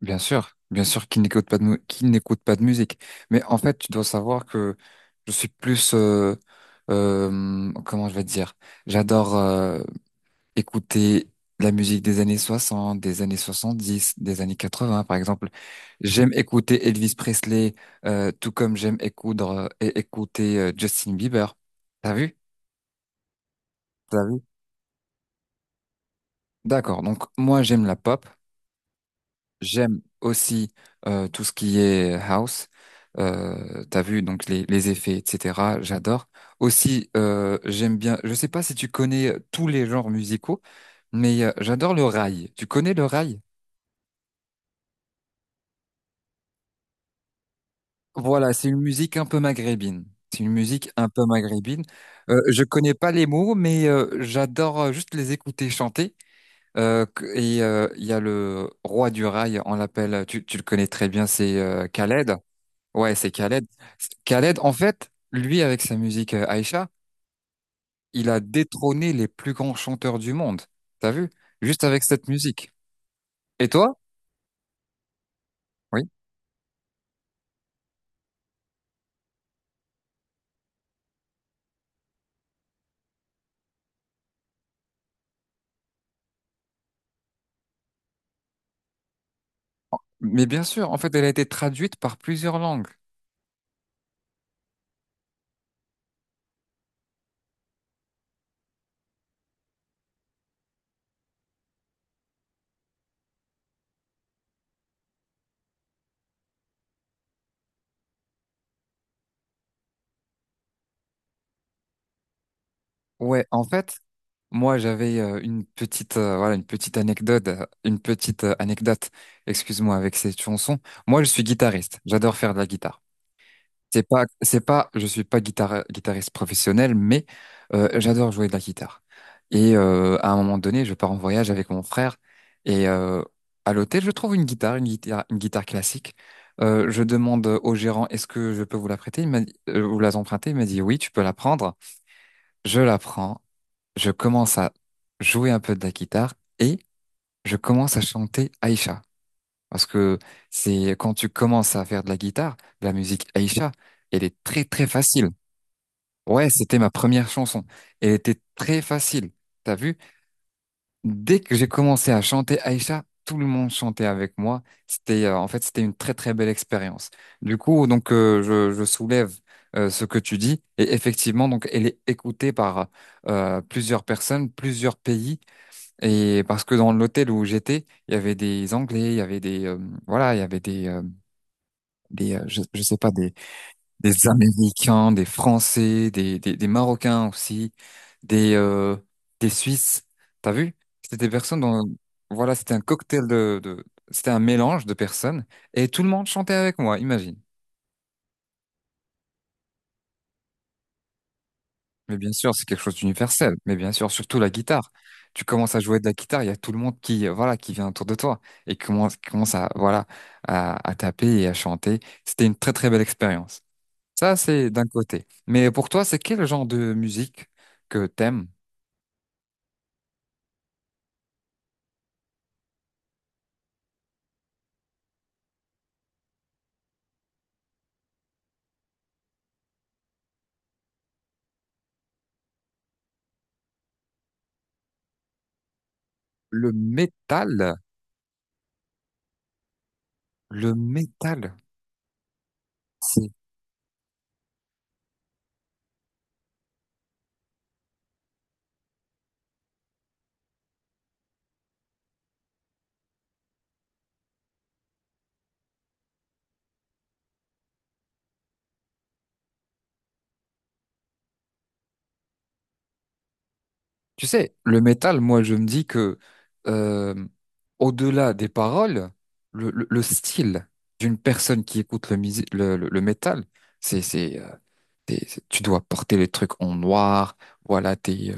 Bien sûr qu'il n'écoute pas de, mu- qu'il n'écoute pas de musique. Mais en fait, tu dois savoir que je suis plus, comment je vais te dire, j'adore écouter la musique des années 60, des années 70, des années 80, par exemple. J'aime écouter Elvis Presley, tout comme j'aime et écouter Justin Bieber. T'as vu? T'as vu? D'accord. Donc moi, j'aime la pop. J'aime aussi tout ce qui est house. T'as vu donc les effets, etc. J'adore. Aussi, j'aime bien. Je sais pas si tu connais tous les genres musicaux, mais j'adore le rail. Tu connais le rail? Voilà, c'est une musique un peu maghrébine. C'est une musique un peu maghrébine. Je connais pas les mots, mais j'adore juste les écouter chanter. Et il y a le roi du rail, on l'appelle, tu le connais très bien, c'est Khaled. Ouais, c'est Khaled. Khaled, en fait, lui, avec sa musique Aïcha, il a détrôné les plus grands chanteurs du monde. T'as vu? Juste avec cette musique. Et toi? Oui. Mais bien sûr, en fait, elle a été traduite par plusieurs langues. Ouais, en fait, moi, j'avais une petite, voilà, une petite anecdote, excuse-moi, avec cette chanson. Moi, je suis guitariste. J'adore faire de la guitare. C'est pas, je suis pas guitariste professionnel, mais j'adore jouer de la guitare. Et à un moment donné, je pars en voyage avec mon frère et à l'hôtel, je trouve une guitare classique. Je demande au gérant, est-ce que je peux vous la prêter? Il m'a dit, vous la emprunter? Il m'a dit, oui, tu peux la prendre. Je la prends, je commence à jouer un peu de la guitare et je commence à chanter Aïcha. Parce que c'est quand tu commences à faire de la guitare, de la musique Aïcha, elle est très très facile. Ouais, c'était ma première chanson. Elle était très facile. T'as vu? Dès que j'ai commencé à chanter Aïcha, tout le monde chantait avec moi. En fait, c'était une très très belle expérience. Du coup, donc je soulève ce que tu dis et effectivement, donc elle est écoutée par plusieurs personnes, plusieurs pays et parce que dans l'hôtel où j'étais, il y avait des Anglais, il y avait des voilà, il y avait des je sais pas des Américains, des Français, des Marocains aussi, des, euh, des Suisses. T'as vu? C'était des personnes dont, voilà, c'était un cocktail de, c'était un mélange de personnes et tout le monde chantait avec moi, imagine. Mais bien sûr, c'est quelque chose d'universel. Mais bien sûr, surtout la guitare. Tu commences à jouer de la guitare, il y a tout le monde qui, voilà, qui vient autour de toi et qui commence à, voilà, à taper et à chanter. C'était une très, très belle expérience. Ça, c'est d'un côté. Mais pour toi, c'est quel genre de musique que t'aimes? Le métal, le métal, c'est... Tu sais, le métal, moi, je me dis que euh, au-delà des paroles, le style d'une personne qui écoute le, musi- le métal, c'est, c'est, euh, tu dois porter les trucs en noir, voilà, tes, euh,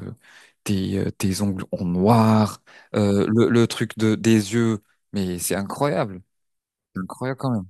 tes, euh, tes ongles en noir, le truc de, des yeux, mais c'est incroyable quand même.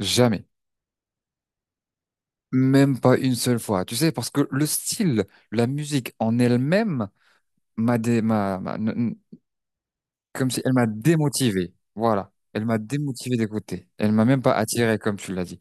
Jamais. Même pas une seule fois, tu sais, parce que le style, la musique en elle-même m'a dé- m'a- m'a- n- n- comme si elle m'a démotivé. Voilà, elle m'a démotivé d'écouter. Elle m'a même pas attiré, comme tu l'as dit.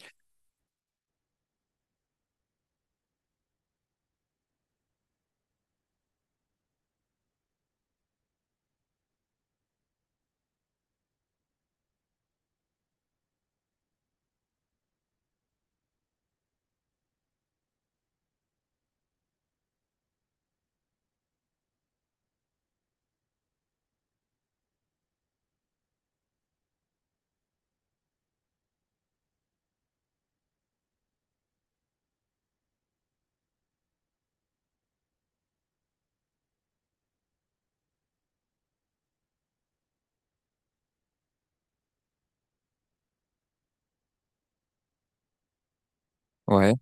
Ouais,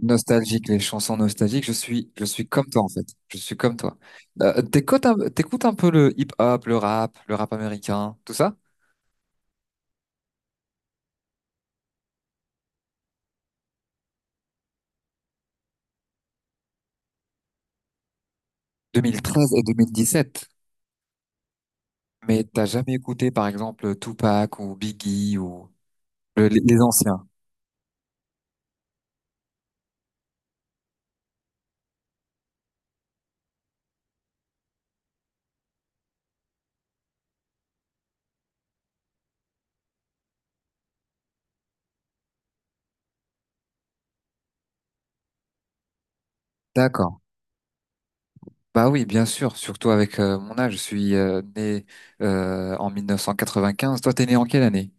nostalgique, les chansons nostalgiques. Je suis comme toi en fait. Je suis comme toi. T'écoutes un peu le hip-hop, le rap américain, tout ça? 2013 et 2017. Mais t'as jamais écouté, par exemple, Tupac ou Biggie ou les anciens. D'accord. Bah oui, bien sûr, surtout avec mon âge. Je suis né en 1995. Toi, t'es né en quelle année?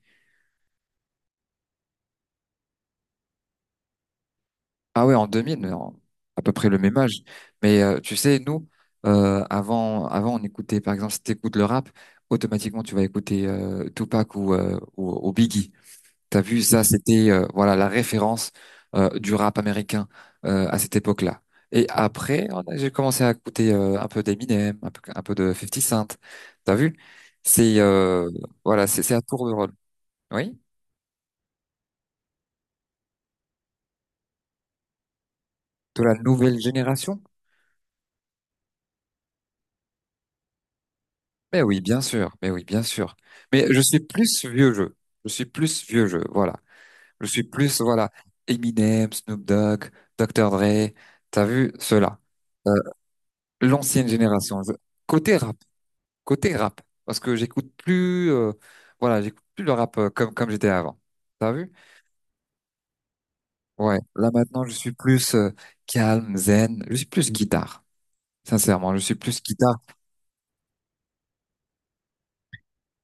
Ah ouais, en 2000, à peu près le même âge. Mais tu sais, nous, avant, avant, on écoutait, par exemple, si t'écoutes le rap, automatiquement, tu vas écouter Tupac ou Biggie. T'as vu ça, c'était voilà la référence du rap américain à cette époque-là. Et après, j'ai commencé à écouter un peu d'Eminem, un peu de Fifty Cent. T'as vu? C'est voilà, c'est à tour de rôle. Oui, de la nouvelle génération. Mais oui, bien sûr. Mais oui, bien sûr. Mais je suis plus vieux jeu. Je suis plus vieux jeu. Voilà. Je suis plus voilà Eminem, Snoop Dogg, Dr. Dre. T'as vu cela? Euh, l'ancienne génération. Côté rap. Parce que j'écoute plus, voilà, j'écoute plus le rap comme j'étais avant. T'as vu? Ouais. Là maintenant, je suis plus calme, zen. Je suis plus guitare. Sincèrement, je suis plus guitare.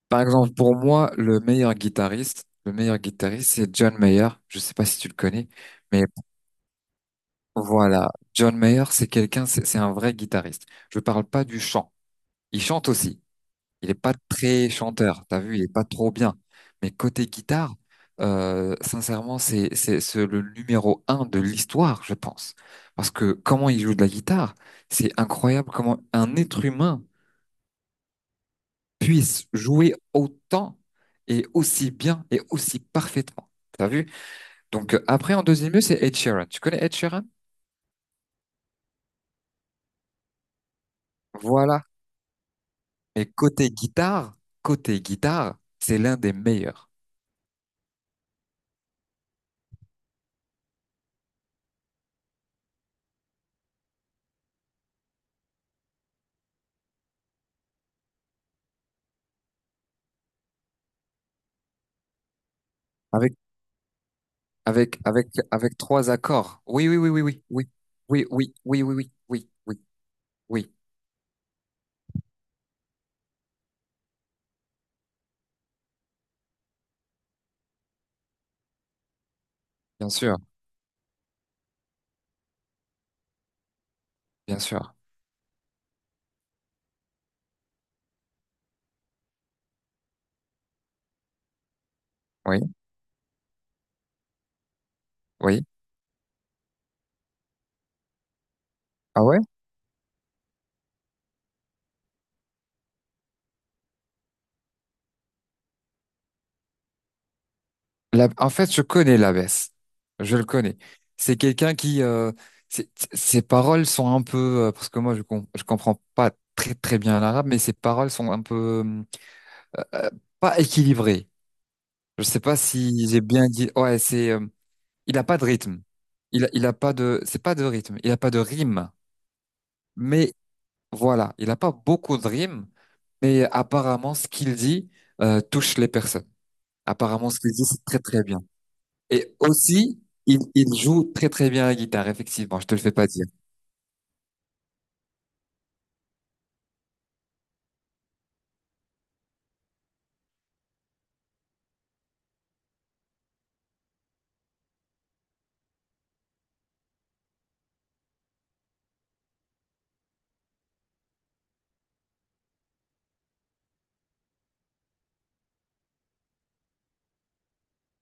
Par exemple, pour moi, le meilleur guitariste, c'est John Mayer. Je sais pas si tu le connais, mais voilà, John Mayer, c'est quelqu'un, c'est un vrai guitariste. Je parle pas du chant. Il chante aussi, il est pas très chanteur, t'as vu, il est pas trop bien. Mais côté guitare, sincèrement, c'est le numéro 1 de l'histoire, je pense. Parce que comment il joue de la guitare, c'est incroyable comment un être humain puisse jouer autant et aussi bien et aussi parfaitement. T'as vu? Donc après, en deuxième lieu, c'est Ed Sheeran. Tu connais Ed Sheeran? Voilà. Et côté guitare, c'est l'un des meilleurs. Avec avec trois accords. Oui, oui, oui, oui, oui, oui, oui, oui, oui, oui, oui, oui, oui, oui, bien sûr, bien sûr. Oui, oui. Ah ouais? En fait, je connais l'abbesse. Je le connais. C'est quelqu'un qui, c'est- ses paroles sont un peu, parce que moi, je comprends pas très, très bien l'arabe, mais ses paroles sont un peu, euh, pas équilibrées. Je sais pas si j'ai bien dit. Ouais, c'est, il a pas de rythme. Il a pas de, c'est pas de rythme. Il a pas de rime. Mais voilà, il n'a pas beaucoup de rimes, mais apparemment, ce qu'il dit touche les personnes. Apparemment, ce qu'il dit, c'est très très bien. Et aussi, il joue très très bien la guitare, effectivement, je te le fais pas dire.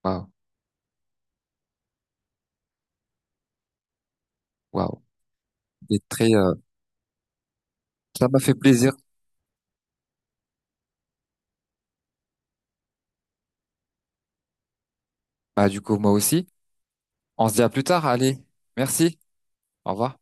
Waouh, waouh. Il est très. Ça m'a fait plaisir. Bah, du coup, moi aussi. On se dit à plus tard, allez. Merci, au revoir.